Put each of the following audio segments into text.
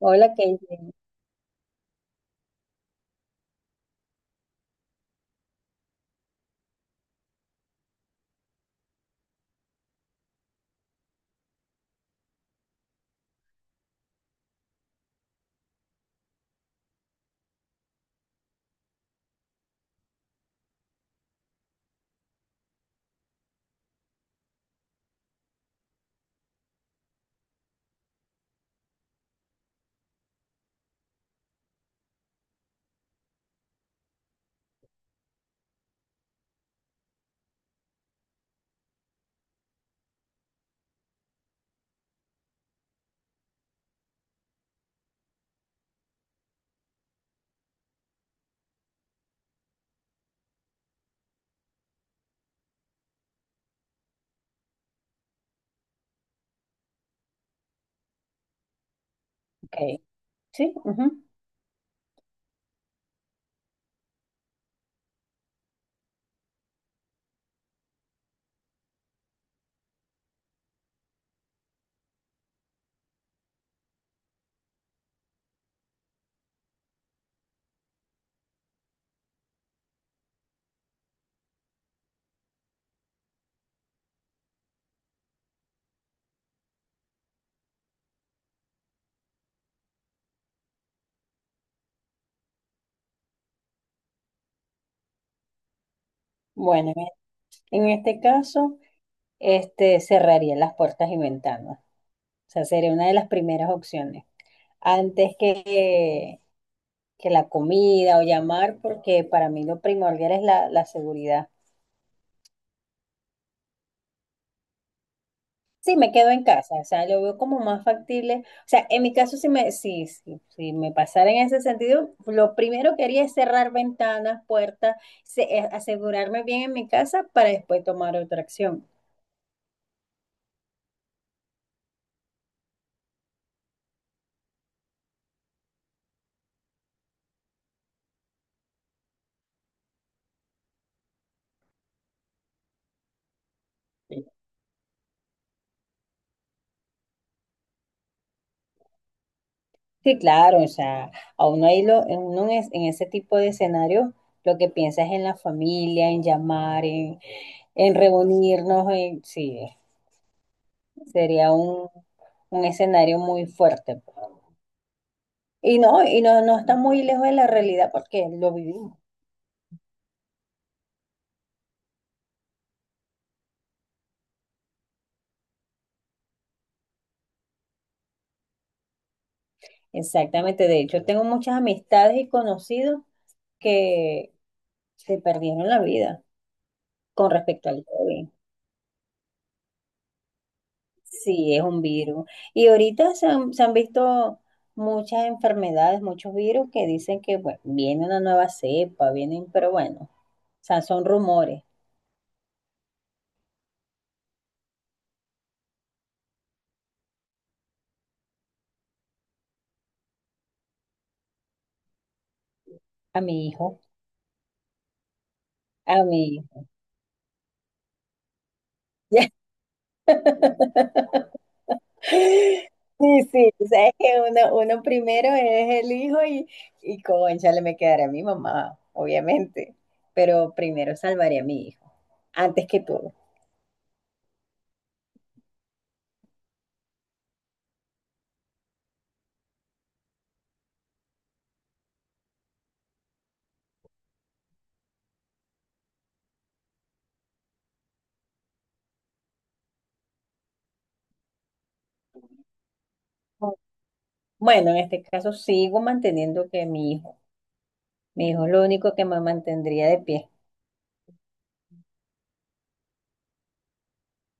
Hola, Casey. Ok, sí, ujú. Bueno, en este caso, cerraría las puertas y ventanas. O sea, sería una de las primeras opciones. Antes que, la comida o llamar, porque para mí lo primordial es la seguridad. Sí, me quedo en casa, o sea, lo veo como más factible. O sea, en mi caso, sí, sí, si me pasara en ese sentido, lo primero que haría es cerrar ventanas, puertas, asegurarme bien en mi casa para después tomar otra acción. Sí, claro, o sea, a uno ahí lo, en uno en, es- en ese tipo de escenarios lo que piensa es en la familia, en llamar, en reunirnos, sí, sería un escenario muy fuerte. Y no, no está muy lejos de la realidad porque lo vivimos. Exactamente, de hecho, tengo muchas amistades y conocidos que se perdieron la vida con respecto al COVID. Sí, es un virus. Y ahorita se han visto muchas enfermedades, muchos virus que dicen que bueno, viene una nueva cepa, vienen, pero bueno, o sea, son rumores. A mi hijo, a mi hijo. Sí, sí, tú sabes que uno primero es el hijo y cónchale, me quedaré a mi mamá, obviamente, pero primero salvaré a mi hijo, antes que todo. Bueno, en este caso sigo manteniendo que mi hijo, mi hijo, es lo único que me mantendría de pie.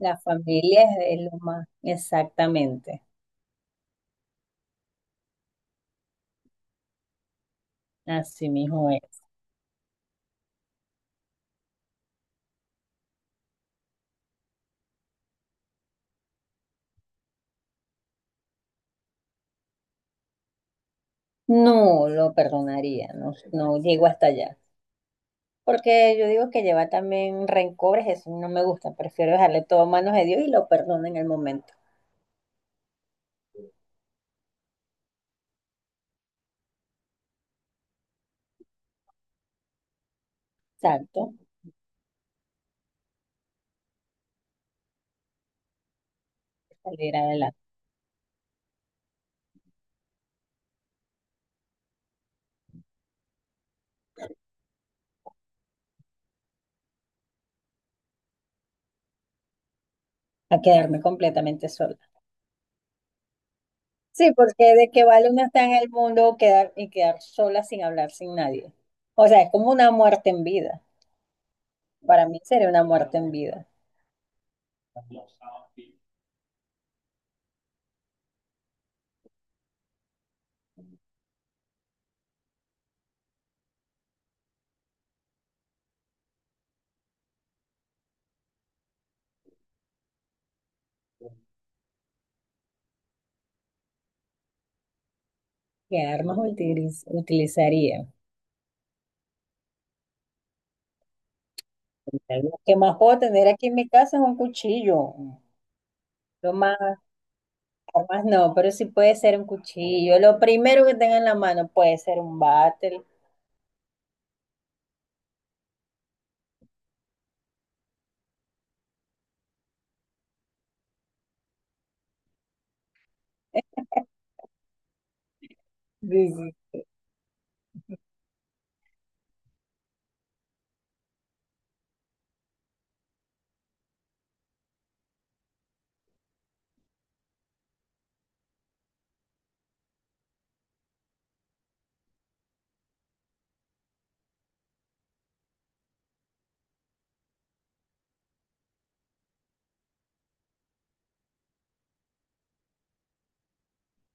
La familia es lo más. Exactamente. Así mismo es. No lo perdonaría, no, no llego hasta allá. Porque yo digo que lleva también rencores, eso no me gusta. Prefiero dejarle todo a manos de Dios y lo perdono en el momento. Exacto, salir adelante, a quedarme completamente sola. Sí, porque de que vale una estar en el mundo quedar, y quedar sola sin hablar, sin nadie. O sea, es como una muerte en vida. Para mí sería una muerte en vida. ¿Qué armas utilizaría? Lo que más puedo tener aquí en mi casa es un cuchillo. Lo más, armas no, pero sí puede ser un cuchillo. Lo primero que tenga en la mano puede ser un bate. Sí, sí.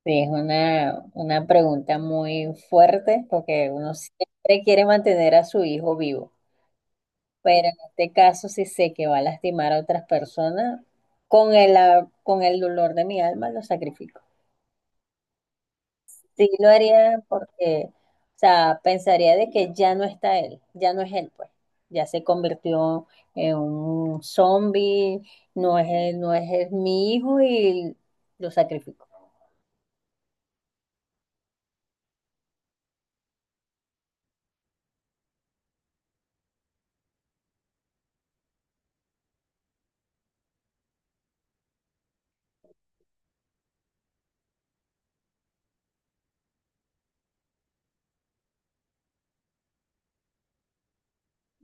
Sí, es una pregunta muy fuerte porque uno siempre quiere mantener a su hijo vivo. Pero en este caso, si sé que va a lastimar a otras personas, con el dolor de mi alma lo sacrifico. Sí, lo haría porque, o sea, pensaría de que ya no está él, ya no es él, pues. Ya se convirtió en un zombie, no es él, no es él, mi hijo y lo sacrifico.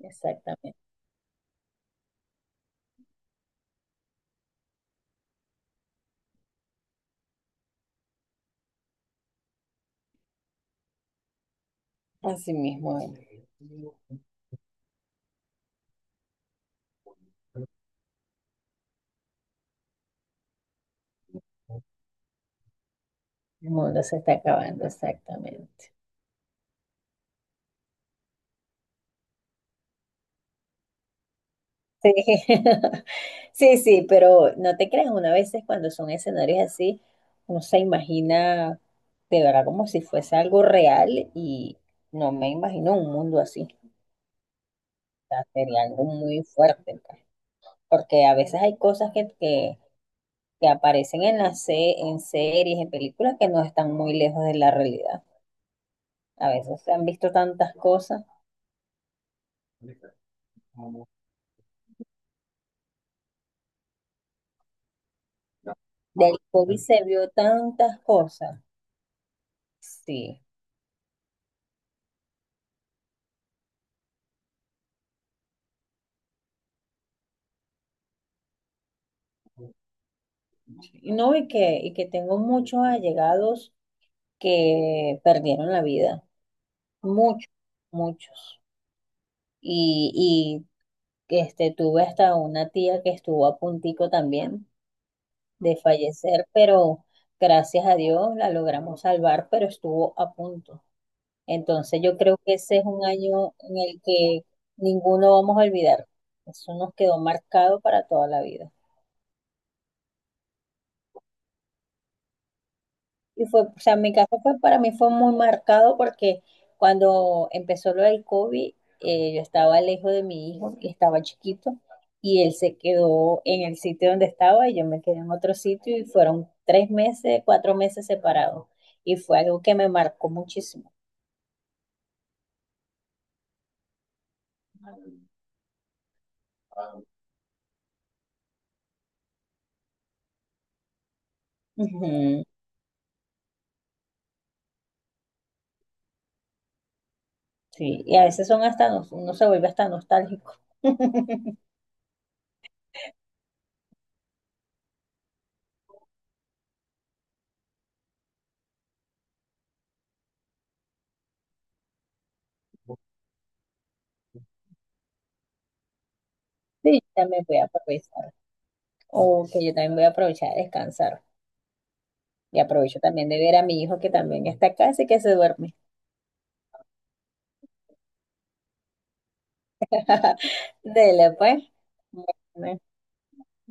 Exactamente. Así mismo es. El mundo se está acabando, exactamente. Sí. Sí, sí, pero no te creas, una vez cuando son escenarios así, uno se imagina de verdad como si fuese algo real y no me imagino un mundo así. Sería algo muy fuerte, pues, porque a veces hay cosas que aparecen en series, en películas que no están muy lejos de la realidad. A veces se han visto tantas cosas, del COVID se vio tantas cosas, sí. Y no, y que tengo muchos allegados que perdieron la vida, muchos, muchos. Y, y, tuve hasta una tía que estuvo a puntico también de fallecer, pero gracias a Dios la logramos salvar, pero estuvo a punto. Entonces yo creo que ese es un año en el que ninguno vamos a olvidar. Eso nos quedó marcado para toda la vida. Y fue, o sea, mi caso fue, para mí fue muy marcado porque cuando empezó lo del COVID, yo estaba lejos de mi hijo y estaba chiquito y él se quedó en el sitio donde estaba y yo me quedé en otro sitio y fueron 3 meses, 4 meses separados y fue algo que me marcó muchísimo. Ujú, sí, y a veces son hasta, uno se vuelve hasta nostálgico. Sí, yo también voy a aprovechar a descansar y aprovecho también de ver a mi hijo que también está acá, así que se duerme. Dele, pues. Bueno,